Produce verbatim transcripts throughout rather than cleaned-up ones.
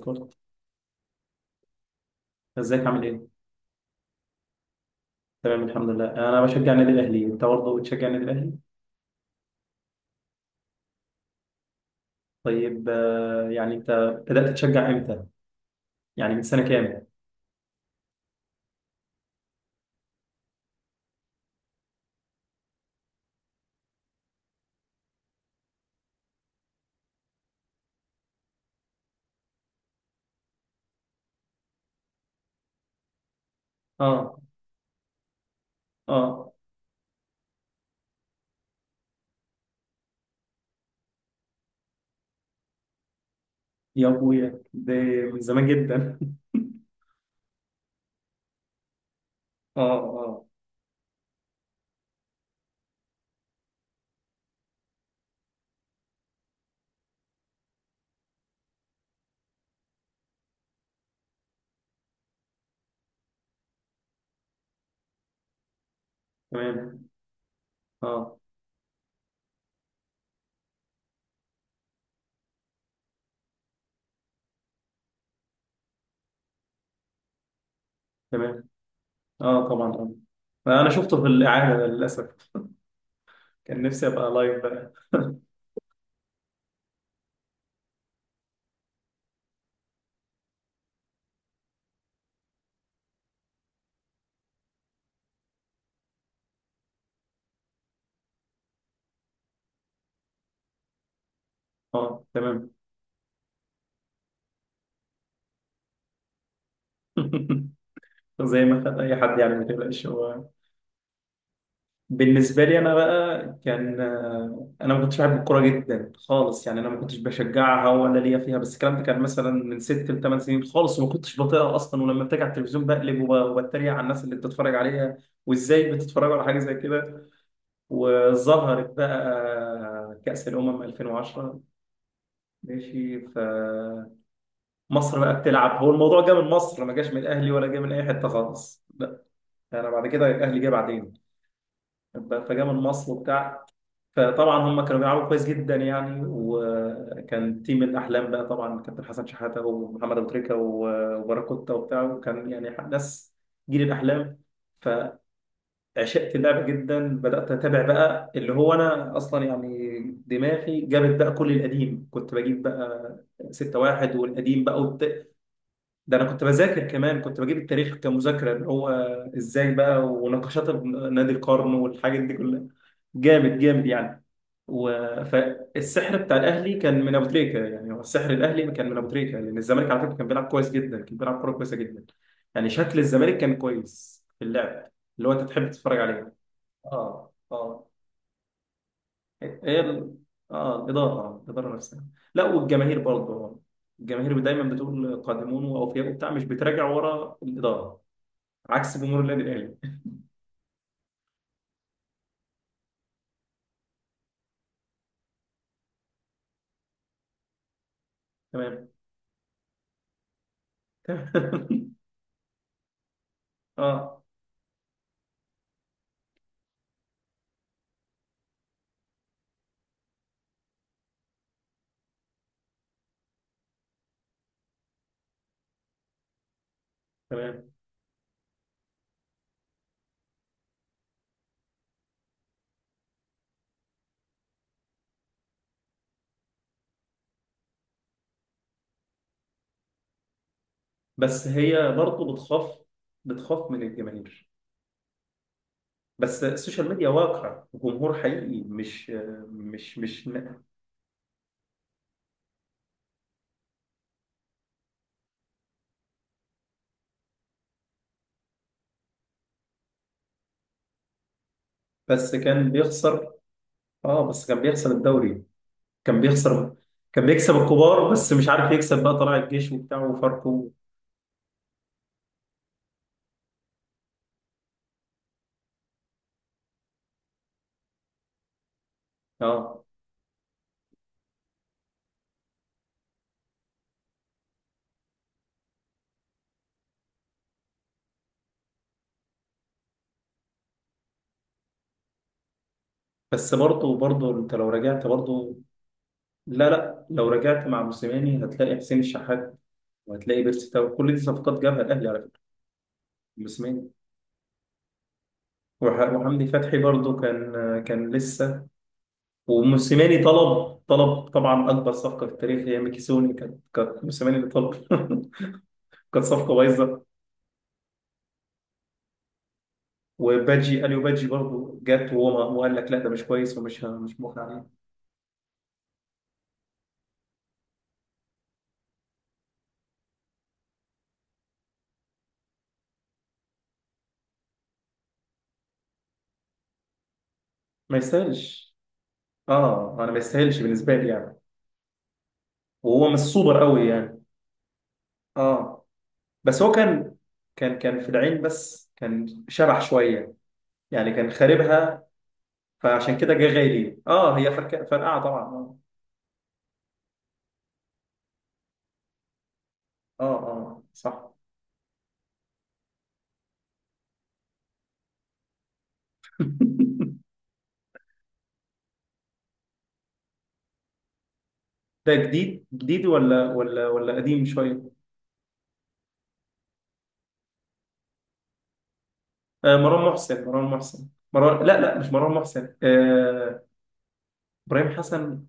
كورة. ازيك عامل ايه؟ تمام الحمد لله، انا بشجع النادي الاهلي. انت برضه بتشجع النادي الاهلي؟ طيب آه، يعني انت بدأت تشجع امتى؟ يعني من سنة كام؟ اه اه. يا ابويا، ده من زمان جدا. اه اه. تمام. اه. تمام. اه طبعا. اه انا شفته في الاعادة ده للاسف. كان نفسي ابقى لايف بقى. اه تمام. زي ما خد اي حد يعني، ما تقلقش هو. بالنسبة لي أنا بقى كان آه، أنا ما كنتش بحب الكورة جدا خالص. يعني أنا ما كنتش بشجعها ولا ليا فيها، بس الكلام ده كان مثلا من ست لثمان سنين خالص، وما كنتش بطيقها أصلا، ولما بتيجي على التلفزيون بقلب وب- وبتريق على الناس اللي بتتفرج عليها، وإزاي بتتفرج على حاجة زي كده. وظهرت بقى كأس الأمم ألفين وعشرة ماشي، فمصر بقى بتلعب. هو الموضوع جه من مصر، ما جاش من الأهلي ولا جه من أي حتة خالص، لا. أنا بعد كده الأهلي جه بعدين. فجا من مصر وبتاع، فطبعا هم كانوا بيلعبوا كويس جدا يعني، وكان تيم الاحلام بقى طبعا، كابتن حسن شحاته ومحمد ابو تريكه و- وباراكوتا وبتاع، وكان يعني ناس جيل الاحلام. فعشقت اللعبه جدا، بدات اتابع بقى اللي هو انا اصلا يعني دماغي جابت بقى كل القديم، كنت بجيب بقى ستة واحد والقديم بقى. ده انا كنت بذاكر كمان، كنت بجيب التاريخ كمذاكره اللي هو ازاي بقى، ونقاشات نادي القرن والحاجات دي كلها. جامد جامد يعني. و... فالسحر بتاع الاهلي كان من ابو تريكه. يعني هو السحر الاهلي كان من ابو تريكه، لان الزمالك على فكره كان بيلعب كويس جدا، كان بيلعب كوره كويسه جدا. يعني شكل الزمالك كان كويس في اللعب اللي هو انت تحب تتفرج عليه. اه اه. هي ال... اه الاداره، آه، الاداره نفسها. لا، والجماهير برضه، الجماهير دايما بتقول قادمون واوفياء وبتاع، مش بتراجع ورا الاداره، عكس جمهور النادي الاهلي. تمام. تمام. اه تمام. بس هي برضه بتخاف، بتخاف من الجماهير. بس السوشيال ميديا واقع جمهور حقيقي، مش مش مش. بس كان بيخسر. اه بس كان بيخسر الدوري، كان بيخسر. كان بيكسب الكبار، بس مش عارف يكسب بقى طلائع الجيش وبتاع وفاركو. اه بس برضه برضه انت لو رجعت برضه. لا لا، لو رجعت مع موسيماني هتلاقي حسين الشحات، وهتلاقي بيرسي تاو، كل دي صفقات جابها الاهلي على فكره موسيماني. وح- وحمدي فتحي برضه كان كان لسه. وموسيماني طلب طلب طبعا، اكبر صفقه في التاريخ هي ميكيسوني، كانت كانت موسيماني اللي طلب. كانت صفقه بايظه. وباجي اليو باجي برضه جت، وهو ما- وقال لك لا، ده مش كويس، ومش ه- مش موافق عليه. ما يستاهلش. اه انا ما يستاهلش بالنسبه لي يعني. وهو مش سوبر قوي يعني. اه بس هو كان، كان كان في العين بس كان شبح شوية. يعني كان خاربها، فعشان كده جه غالي. اه، هي فركة فرقعة طبعا، اه اه اه صح. ده جديد جديد ولا ولا ولا قديم شوية. آه مروان محسن مروان محسن مروان. لا لا، مش مروان محسن. آه، إبراهيم حسن.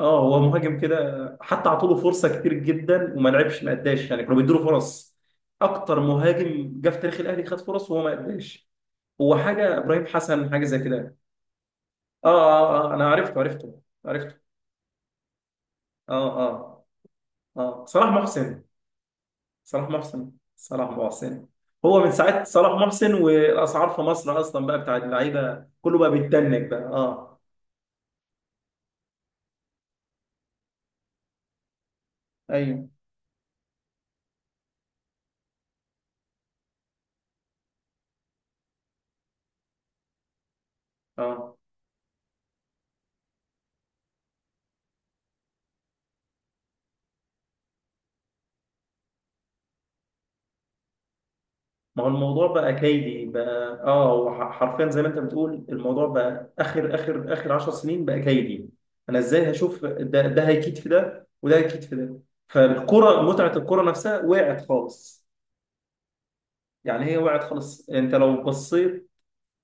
اه هو مهاجم كده، حتى عطوله فرصة كتير جدا وما لعبش، ما اداش يعني، كانوا بيدوا له فرص. اكتر مهاجم جه في تاريخ الاهلي خد فرص وهو ما اداش. هو حاجه ابراهيم حسن حاجه زي كده. اه اه اه انا عرفته عرفته عرفته. اه اه. اه صلاح محسن صلاح محسن صلاح محسن. هو من ساعه صلاح محسن والاسعار في مصر اصلا بقى بتاع اللعيبه كله بقى بيتدنك بقى، اه. ايوه اه. ما هو الموضوع بقى كيدي بقى، اه. هو ح- حرفيا زي ما انت بتقول، الموضوع بقى اخر اخر اخر عشر سنين بقى كيدي. انا ازاي هشوف ده، ده هيكيد في ده وده هيكيد في ده. فالكره متعه الكره نفسها وقعت خالص. يعني هي وقعت خلاص. انت لو بصيت،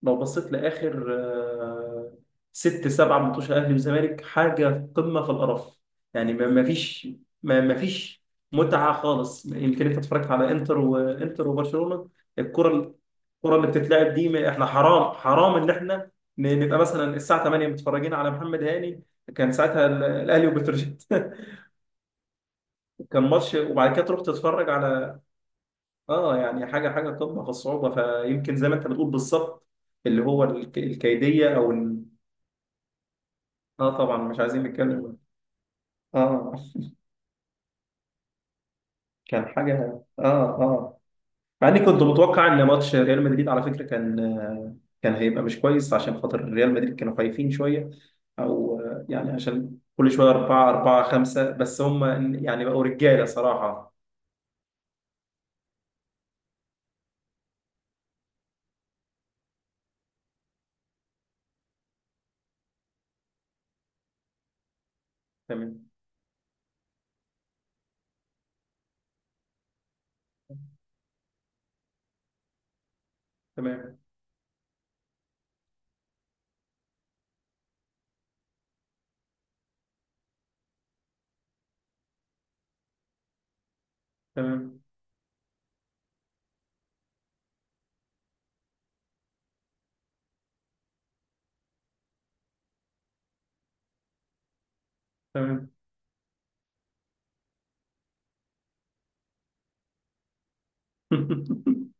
لو بصيت لاخر آه، ست سبع ماتشات اهلي وزمالك، حاجه قمه في القرف. يعني ما ما فيش، ما ما فيش متعه خالص. يمكن انت اتفرجت على انتر، وانتر وبرشلونه. الكره، الكره اللي بتتلعب دي ما- احنا حرام، حرام ان احنا ن- نبقى مثلا الساعه تمانية متفرجين على محمد هاني. كان ساعتها ال- الاهلي وبتروجيت. كان ماتش، وبعد كده تروح تتفرج على اه، يعني حاجه، حاجه قمه في الصعوبه. فيمكن زي ما انت بتقول بالظبط اللي هو الك- الكيديه او ال... اه طبعا مش عايزين نتكلم. اه. كان حاجه اه. اه، مع اني كنت متوقع ان ماتش ريال مدريد على فكره كان، آه، كان هيبقى مش كويس عشان خاطر ريال مدريد كانوا خايفين شويه، او آه، يعني عشان كل شويه أربعة أربعة خمسة بس هم. يعني بقوا رجاله صراحه. تمام تمام تمام تمام.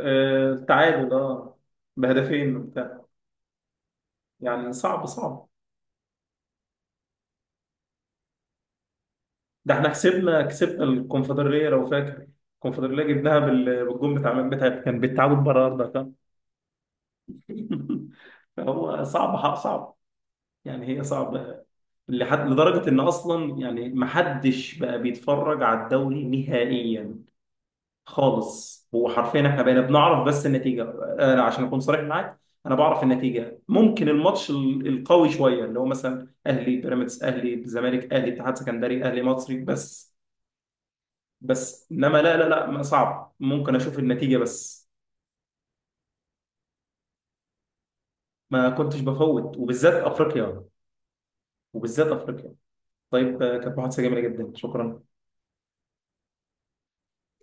آه، التعادل اه، بهدفين. يعني صعب صعب. ده احنا كسبنا، كسبنا الكونفدرالية لو فاكر. الكونفدرالية جبناها بال- بالجون بتاع، من بتاع، كان بالتعادل بره أرضك ها. فهو صعب، حق صعب. يعني هي صعبة. لحد لدرجة إن أصلا يعني محدش بقى بيتفرج على الدوري نهائيا خالص. هو حرفيا احنا بقينا بنعرف بس النتيجة. أنا عشان أكون صريح معاك، أنا بعرف النتيجة. ممكن الماتش ال- القوي شوية اللي هو مثلا أهلي بيراميدز، أهلي الزمالك، أهلي اتحاد سكندري، أهلي مصري بس. بس انما لا لا لا، ما صعب، ممكن اشوف النتيجه بس. ما كنتش بفوت، وبالذات افريقيا، وبالذات افريقيا طيب آه، كانت محادثه جميله جدا، شكرا.